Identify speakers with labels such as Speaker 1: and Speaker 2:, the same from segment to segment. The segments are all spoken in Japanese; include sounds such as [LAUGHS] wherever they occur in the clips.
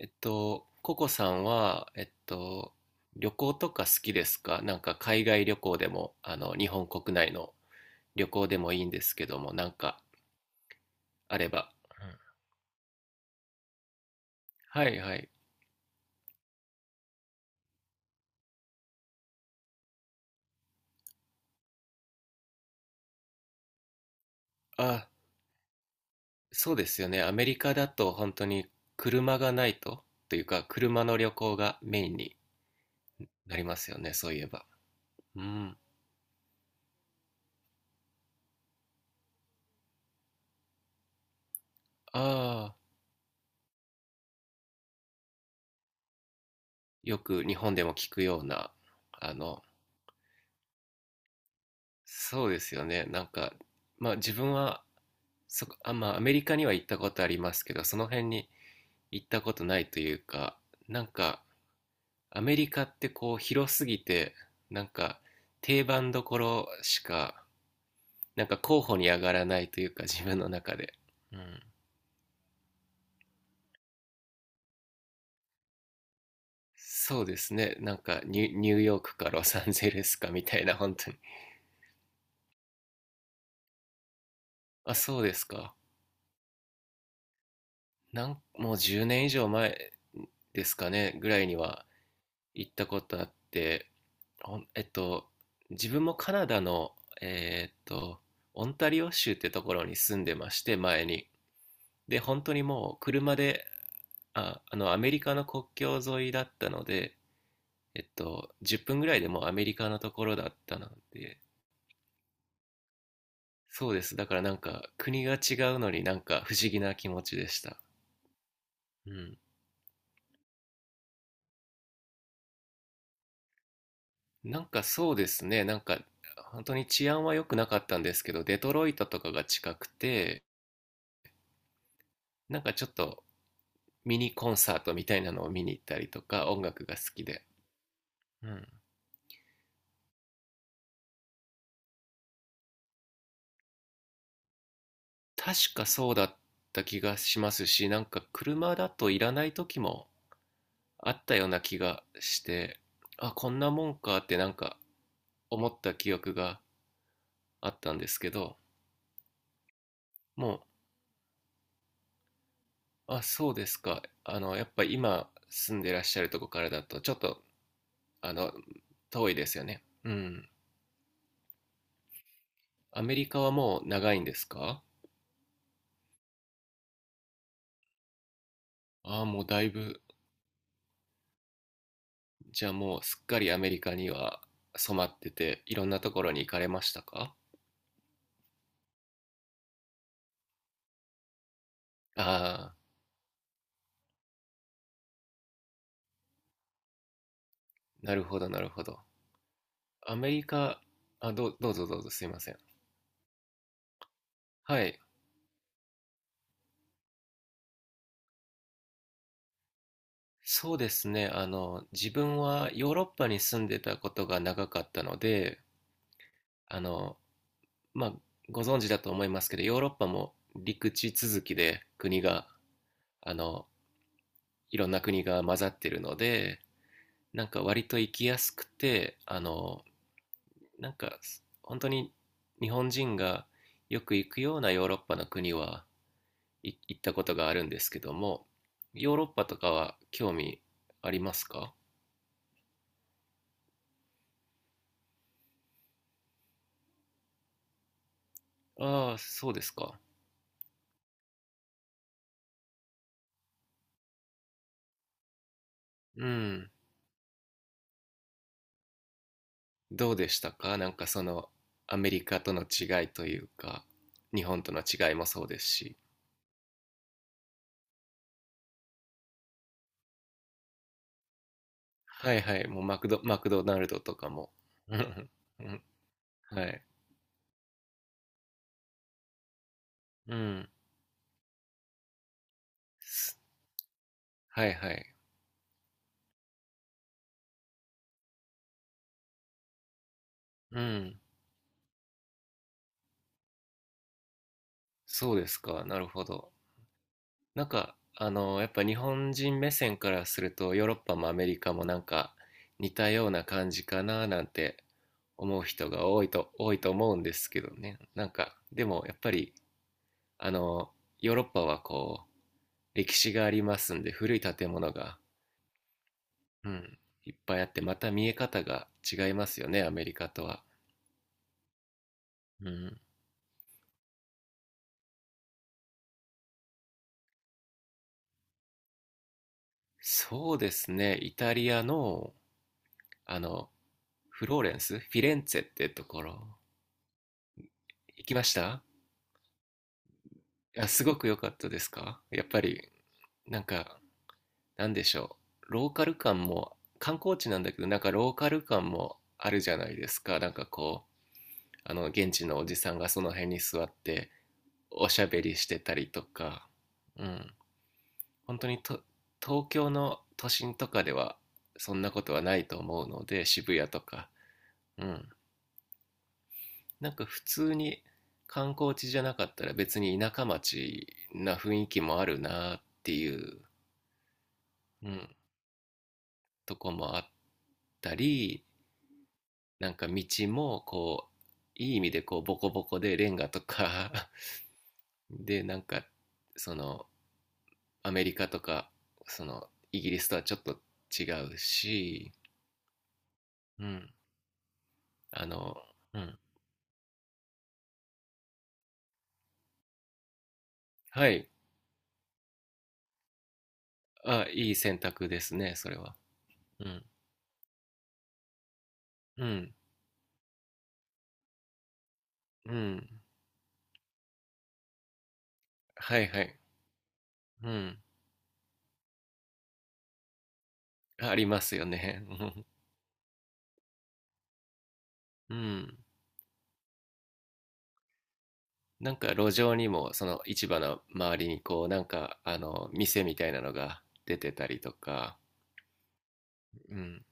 Speaker 1: ココさんは、旅行とか好きですか？なんか海外旅行でも、日本国内の旅行でもいいんですけども、なんかあれば。うん。はいはい。あ、そうですよね。アメリカだと本当に車がないと、というか車の旅行がメインになりますよね、そういえば。うん。ああ、よく日本でも聞くような、あの、そうですよね。まあ自分は、まあアメリカには行ったことありますけど、その辺に行ったことないというか、なんかアメリカってこう広すぎて、なんか定番どころしか、なんか候補に上がらないというか自分の中で。うん。そうですね。ニュ、ニューヨークかロサンゼルスかみたいな、本当に。あ、そうですか。なん、もう10年以上前ですかね、ぐらいには行ったことあって、ほん自分もカナダの、えーっと、オンタリオ州ってところに住んでまして、前に。で、本当にもう車で、アメリカの国境沿いだったので、10分ぐらいでもうアメリカのところだったので、そうです。だからなんか、国が違うのになんか不思議な気持ちでした。うん。なんかそうですね、なんか、本当に治安は良くなかったんですけど、デトロイトとかが近くて、なんかちょっと、ミニコンサートみたいなのを見に行ったりとか音楽が好きで、うん、確かそうだった気がしますし、なんか車だといらない時もあったような気がして、あ、こんなもんかってなんか思った記憶があったんですけど。もう、あ、そうですか。あの、やっぱり今住んでらっしゃるとこからだとちょっと、あの遠いですよね。うん。アメリカはもう長いんですか？ああ、もうだいぶ。じゃあもうすっかりアメリカには染まってて、いろんなところに行かれましたか？ああ、なるほど、なるほど。アメリカ、あ、どう、どうぞどうぞすいません。はい。そうですね。自分はヨーロッパに住んでたことが長かったので、あの、まあ、ご存知だと思いますけど、ヨーロッパも陸地続きで国が、あの、いろんな国が混ざってるので、なんか割と行きやすくて、なんか本当に日本人がよく行くようなヨーロッパの国は行ったことがあるんですけども、ヨーロッパとかは興味ありますか？ああ、そうですか。うん。どうでしたか？なんかそのアメリカとの違いというか、日本との違いもそうですし。はいはい、もうマクド、マクドナルドとかも。[LAUGHS] うんうん。はい。うん。はいはい。うん。そうですか。なるほど。やっぱ日本人目線からすると、ヨーロッパもアメリカもなんか似たような感じかななんて思う人が多いと思うんですけどね。なんか、でもやっぱり、あの、ヨーロッパはこう、歴史がありますんで、古い建物が、うん、いっぱいあって、また見え方が違いますよね、アメリカとは。うん。そうですね、イタリアの、あの、フローレンス、フィレンツェってところ、行きました。いや、すごく良かったですかやっぱり、なんか、なんでしょう。ローカル感も、観光地なんだけど、なんかローカル感もあるじゃないですか。現地のおじさんがその辺に座って、おしゃべりしてたりとか、うん。本当にと、東京の都心とかでは、そんなことはないと思うので、渋谷とか、うん。なんか普通に観光地じゃなかったら別に田舎町な雰囲気もあるなっていう、うん。とこもあったり、なんか道もこういい意味でこうボコボコでレンガとか [LAUGHS] でなんか、そのアメリカとか、そのイギリスとはちょっと違うし、うん、あの、うん、はい、あ、いい選択ですね、それは。うん、うん、うん、はいはい、うん、ありますよね。[LAUGHS] うん、なんか路上にもその市場の周りにこうなんかあの店みたいなのが出てたりとか、うん、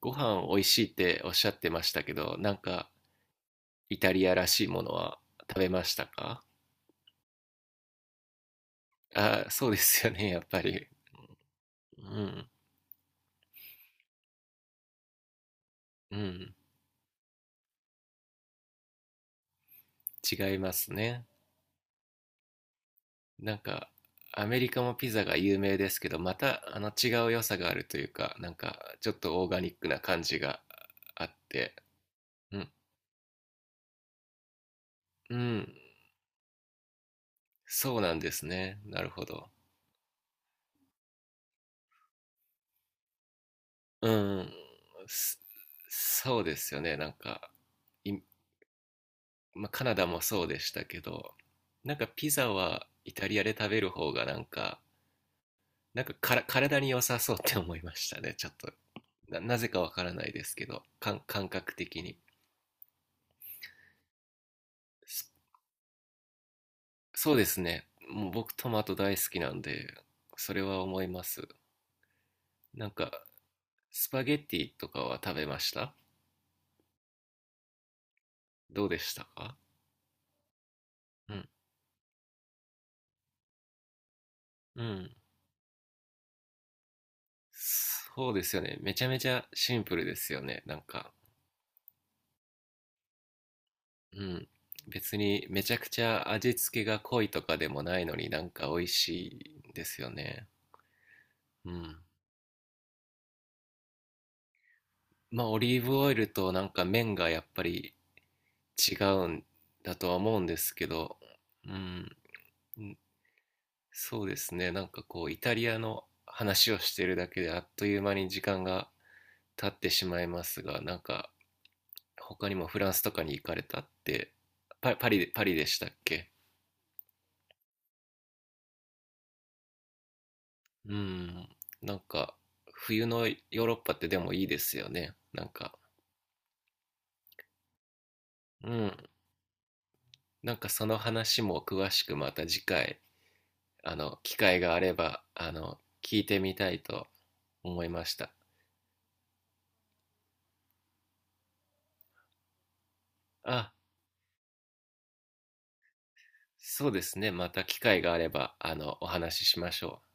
Speaker 1: ご飯美味しいっておっしゃってましたけど、なんかイタリアらしいものは食べましたか？あ、そうですよね。 [LAUGHS] やっぱり。うんうん。違いますね。なんかアメリカもピザが有名ですけど、またあの違う良さがあるというか、なんかちょっとオーガニックな感じがあって。うんうん。そうなんですね、なるほど。うん、すそうですよね。い、まあ、カナダもそうでしたけど、なんかピザはイタリアで食べる方がなんか、なんかから体に良さそうって思いましたね。ちょっと、なぜかわからないですけど、感覚的に。そそうですね。もう僕トマト大好きなんで、それは思います。なんか、スパゲッティとかは食べました？どうでしたか？うん。うん。そうですよね。めちゃめちゃシンプルですよね。なんか、うん。別にめちゃくちゃ味付けが濃いとかでもないのになんか美味しいですよね。うん。まあオリーブオイルとなんか麺がやっぱり違うんだとは思うんですけど、うん。そうですね。なんかこうイタリアの話をしてるだけであっという間に時間が経ってしまいますが、なんか他にもフランスとかに行かれたって、パ、パリで、パリでしたっけ？うん。なんか、冬のヨーロッパってでもいいですよね。なんか、うん。なんかその話も詳しくまた次回、機会があれば、聞いてみたいと思いました。あ、そうですね。また機会があれば、お話ししましょう。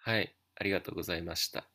Speaker 1: はい。ありがとうございました。